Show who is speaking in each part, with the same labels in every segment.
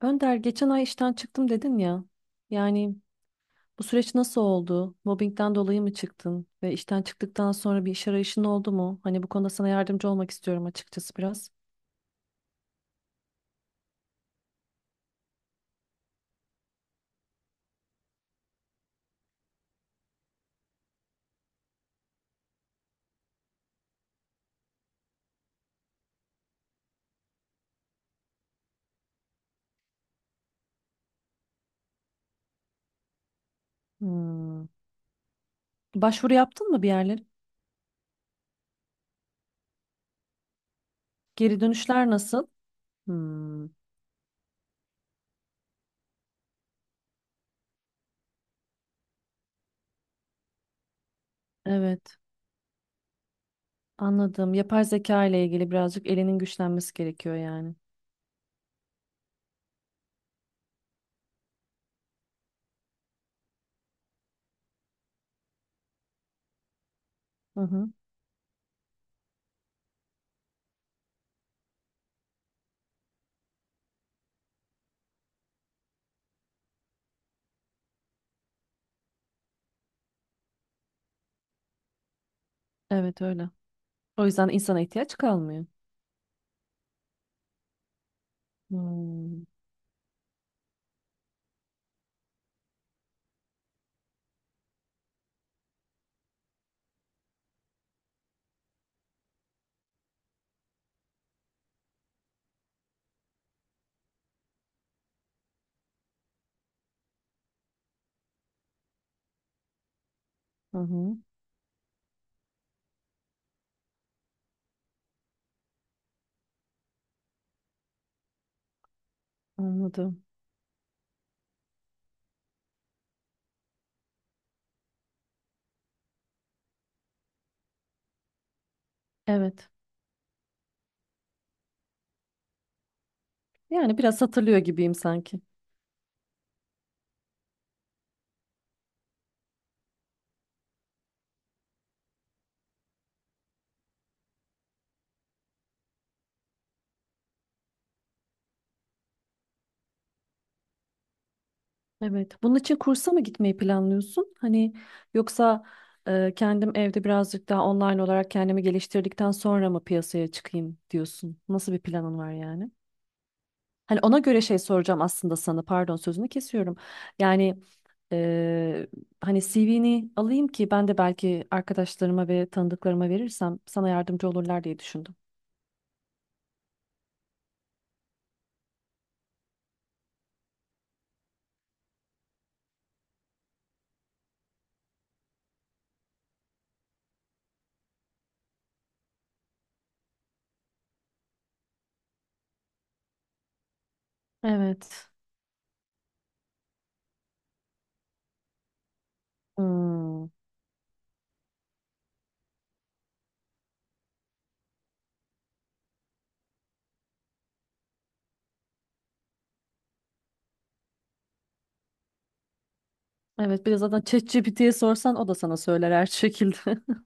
Speaker 1: Önder geçen ay işten çıktım dedin ya. Yani bu süreç nasıl oldu? Mobbingden dolayı mı çıktın? Ve işten çıktıktan sonra bir iş arayışın oldu mu? Hani bu konuda sana yardımcı olmak istiyorum açıkçası biraz. Hmm. Başvuru yaptın mı bir yerlere? Geri dönüşler nasıl? Hmm. Evet, anladım. Yapay zeka ile ilgili birazcık elinin güçlenmesi gerekiyor yani. Hı hı. Evet öyle. O yüzden insana ihtiyaç kalmıyor. Hmm. Hı hı. Anladım. Evet. Yani biraz hatırlıyor gibiyim sanki. Evet. Bunun için kursa mı gitmeyi planlıyorsun? Hani yoksa kendim evde birazcık daha online olarak kendimi geliştirdikten sonra mı piyasaya çıkayım diyorsun? Nasıl bir planın var yani? Hani ona göre şey soracağım aslında sana. Pardon sözünü kesiyorum. Yani eee, hani CV'ni alayım ki ben de belki arkadaşlarıma ve tanıdıklarıma verirsem sana yardımcı olurlar diye düşündüm. Evet. Hmm. Evet, bir de zaten ChatGPT'ye sorsan o da sana söyler her şekilde.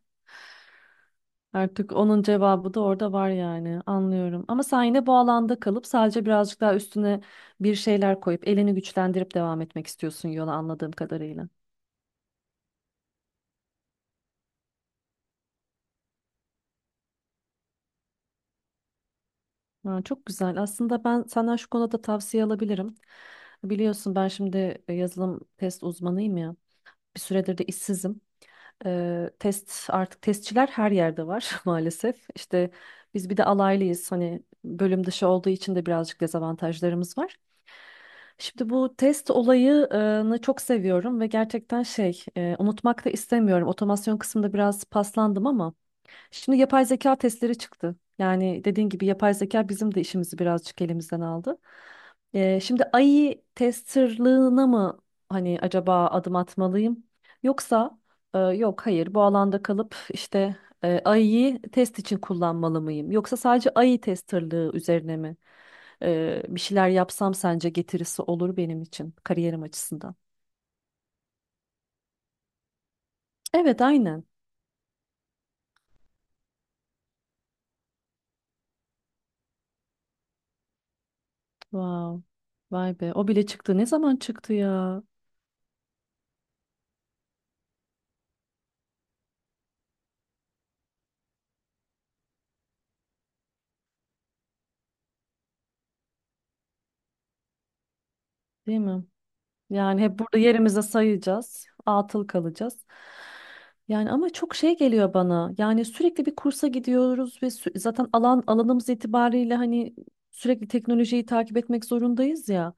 Speaker 1: Artık onun cevabı da orada var yani. Anlıyorum. Ama sen yine bu alanda kalıp sadece birazcık daha üstüne bir şeyler koyup elini güçlendirip devam etmek istiyorsun yola anladığım kadarıyla. Ha, çok güzel. Aslında ben senden şu konuda tavsiye alabilirim. Biliyorsun ben şimdi yazılım test uzmanıyım ya. Bir süredir de işsizim. Test artık testçiler her yerde var maalesef. İşte biz bir de alaylıyız. Hani bölüm dışı olduğu için de birazcık dezavantajlarımız var. Şimdi bu test olayını çok seviyorum ve gerçekten unutmak da istemiyorum. Otomasyon kısmında biraz paslandım ama. Şimdi yapay zeka testleri çıktı. Yani dediğin gibi yapay zeka bizim de işimizi birazcık elimizden aldı. Şimdi AI testerlığına mı hani acaba adım atmalıyım? Yoksa yok, hayır, bu alanda kalıp işte AI'yi test için kullanmalı mıyım? Yoksa sadece AI testerlığı üzerine mi bir şeyler yapsam sence getirisi olur benim için kariyerim açısından? Evet, aynen. Wow. Vay be, o bile çıktı. Ne zaman çıktı ya? Değil mi? Yani hep burada yerimize sayacağız, atıl kalacağız. Yani ama çok şey geliyor bana. Yani sürekli bir kursa gidiyoruz ve zaten alanımız itibariyle hani sürekli teknolojiyi takip etmek zorundayız ya.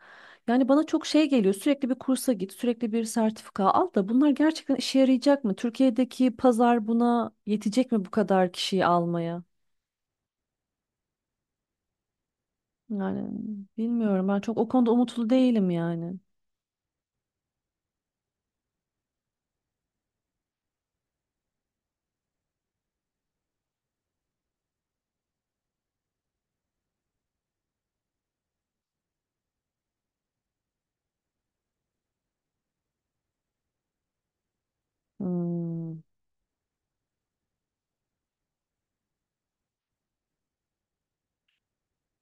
Speaker 1: Yani bana çok şey geliyor. Sürekli bir kursa git, sürekli bir sertifika al, da bunlar gerçekten işe yarayacak mı? Türkiye'deki pazar buna yetecek mi bu kadar kişiyi almaya? Yani bilmiyorum. Ben çok o konuda umutlu değilim yani. Hmm,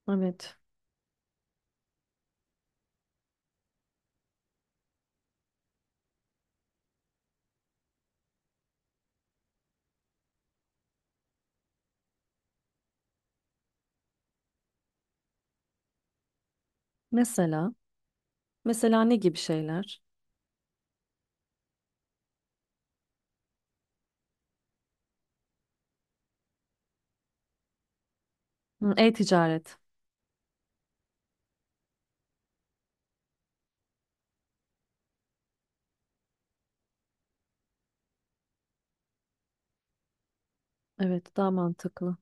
Speaker 1: evet. Mesela. Mesela ne gibi şeyler? Hı, e-ticaret. Evet, daha mantıklı.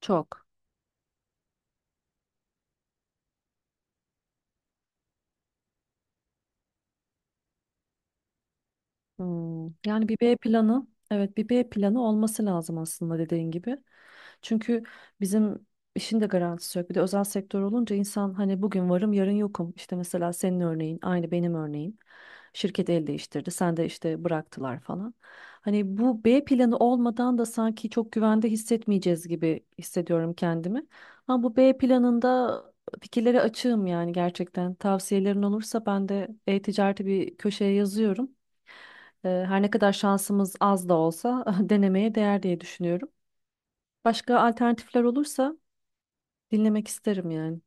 Speaker 1: Çok. Hmm, yani bir B planı, evet, bir B planı olması lazım aslında dediğin gibi. Çünkü bizim işin de garantisi yok. Bir de özel sektör olunca insan hani bugün varım yarın yokum. İşte mesela senin örneğin aynı benim örneğim. Şirket el değiştirdi, sen de işte bıraktılar falan. Hani bu B planı olmadan da sanki çok güvende hissetmeyeceğiz gibi hissediyorum kendimi. Ama bu B planında fikirlere açığım yani gerçekten. Tavsiyelerin olursa ben de e-ticareti bir köşeye yazıyorum. Her ne kadar şansımız az da olsa denemeye değer diye düşünüyorum. Başka alternatifler olursa dinlemek isterim yani.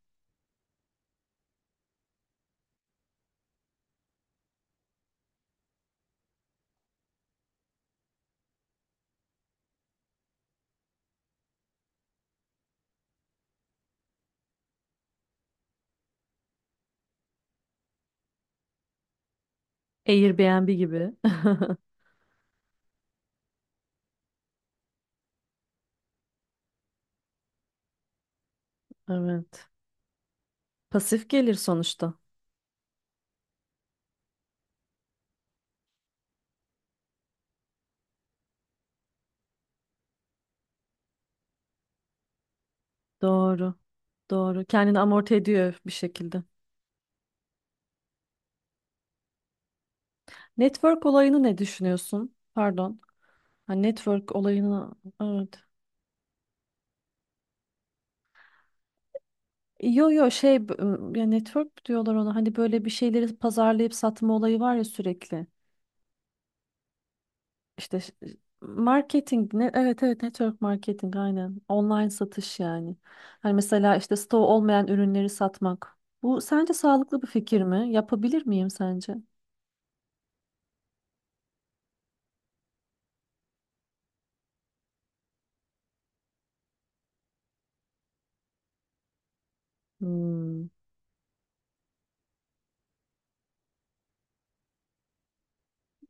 Speaker 1: Airbnb gibi. Evet. Pasif gelir sonuçta. Doğru, doğru. Kendini amorti ediyor bir şekilde. Network olayını ne düşünüyorsun? Pardon. Ha, network olayını, evet. Yo yo ya network mi diyorlar ona hani böyle bir şeyleri pazarlayıp satma olayı var ya sürekli. İşte marketing ne, evet, evet, network marketing aynen. Online satış yani. Hani mesela işte stoğu olmayan ürünleri satmak. Bu sence sağlıklı bir fikir mi? Yapabilir miyim sence? Hmm,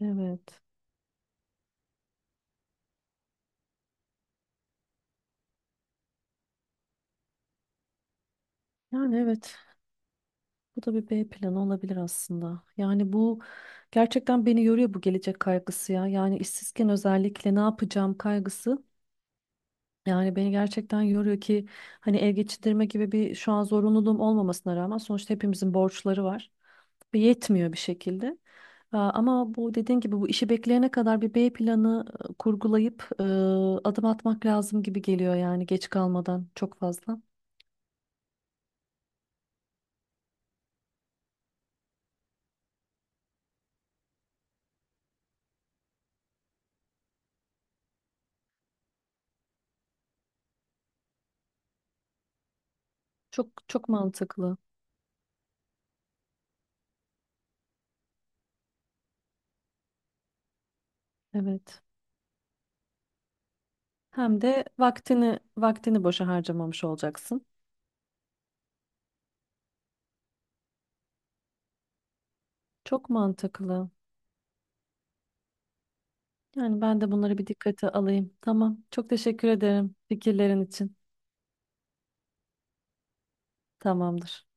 Speaker 1: evet. Yani evet. Bu da bir B planı olabilir aslında. Yani bu gerçekten beni yoruyor bu gelecek kaygısı ya. Yani işsizken özellikle ne yapacağım kaygısı. Yani beni gerçekten yoruyor ki hani ev geçindirme gibi bir şu an zorunluluğum olmamasına rağmen sonuçta hepimizin borçları var ve yetmiyor bir şekilde. Aa, ama bu dediğin gibi bu işi bekleyene kadar bir B planı kurgulayıp adım atmak lazım gibi geliyor yani geç kalmadan çok fazla. Çok çok mantıklı. Evet. Hem de vaktini boşa harcamamış olacaksın. Çok mantıklı. Yani ben de bunları bir dikkate alayım. Tamam. Çok teşekkür ederim fikirlerin için. Tamamdır.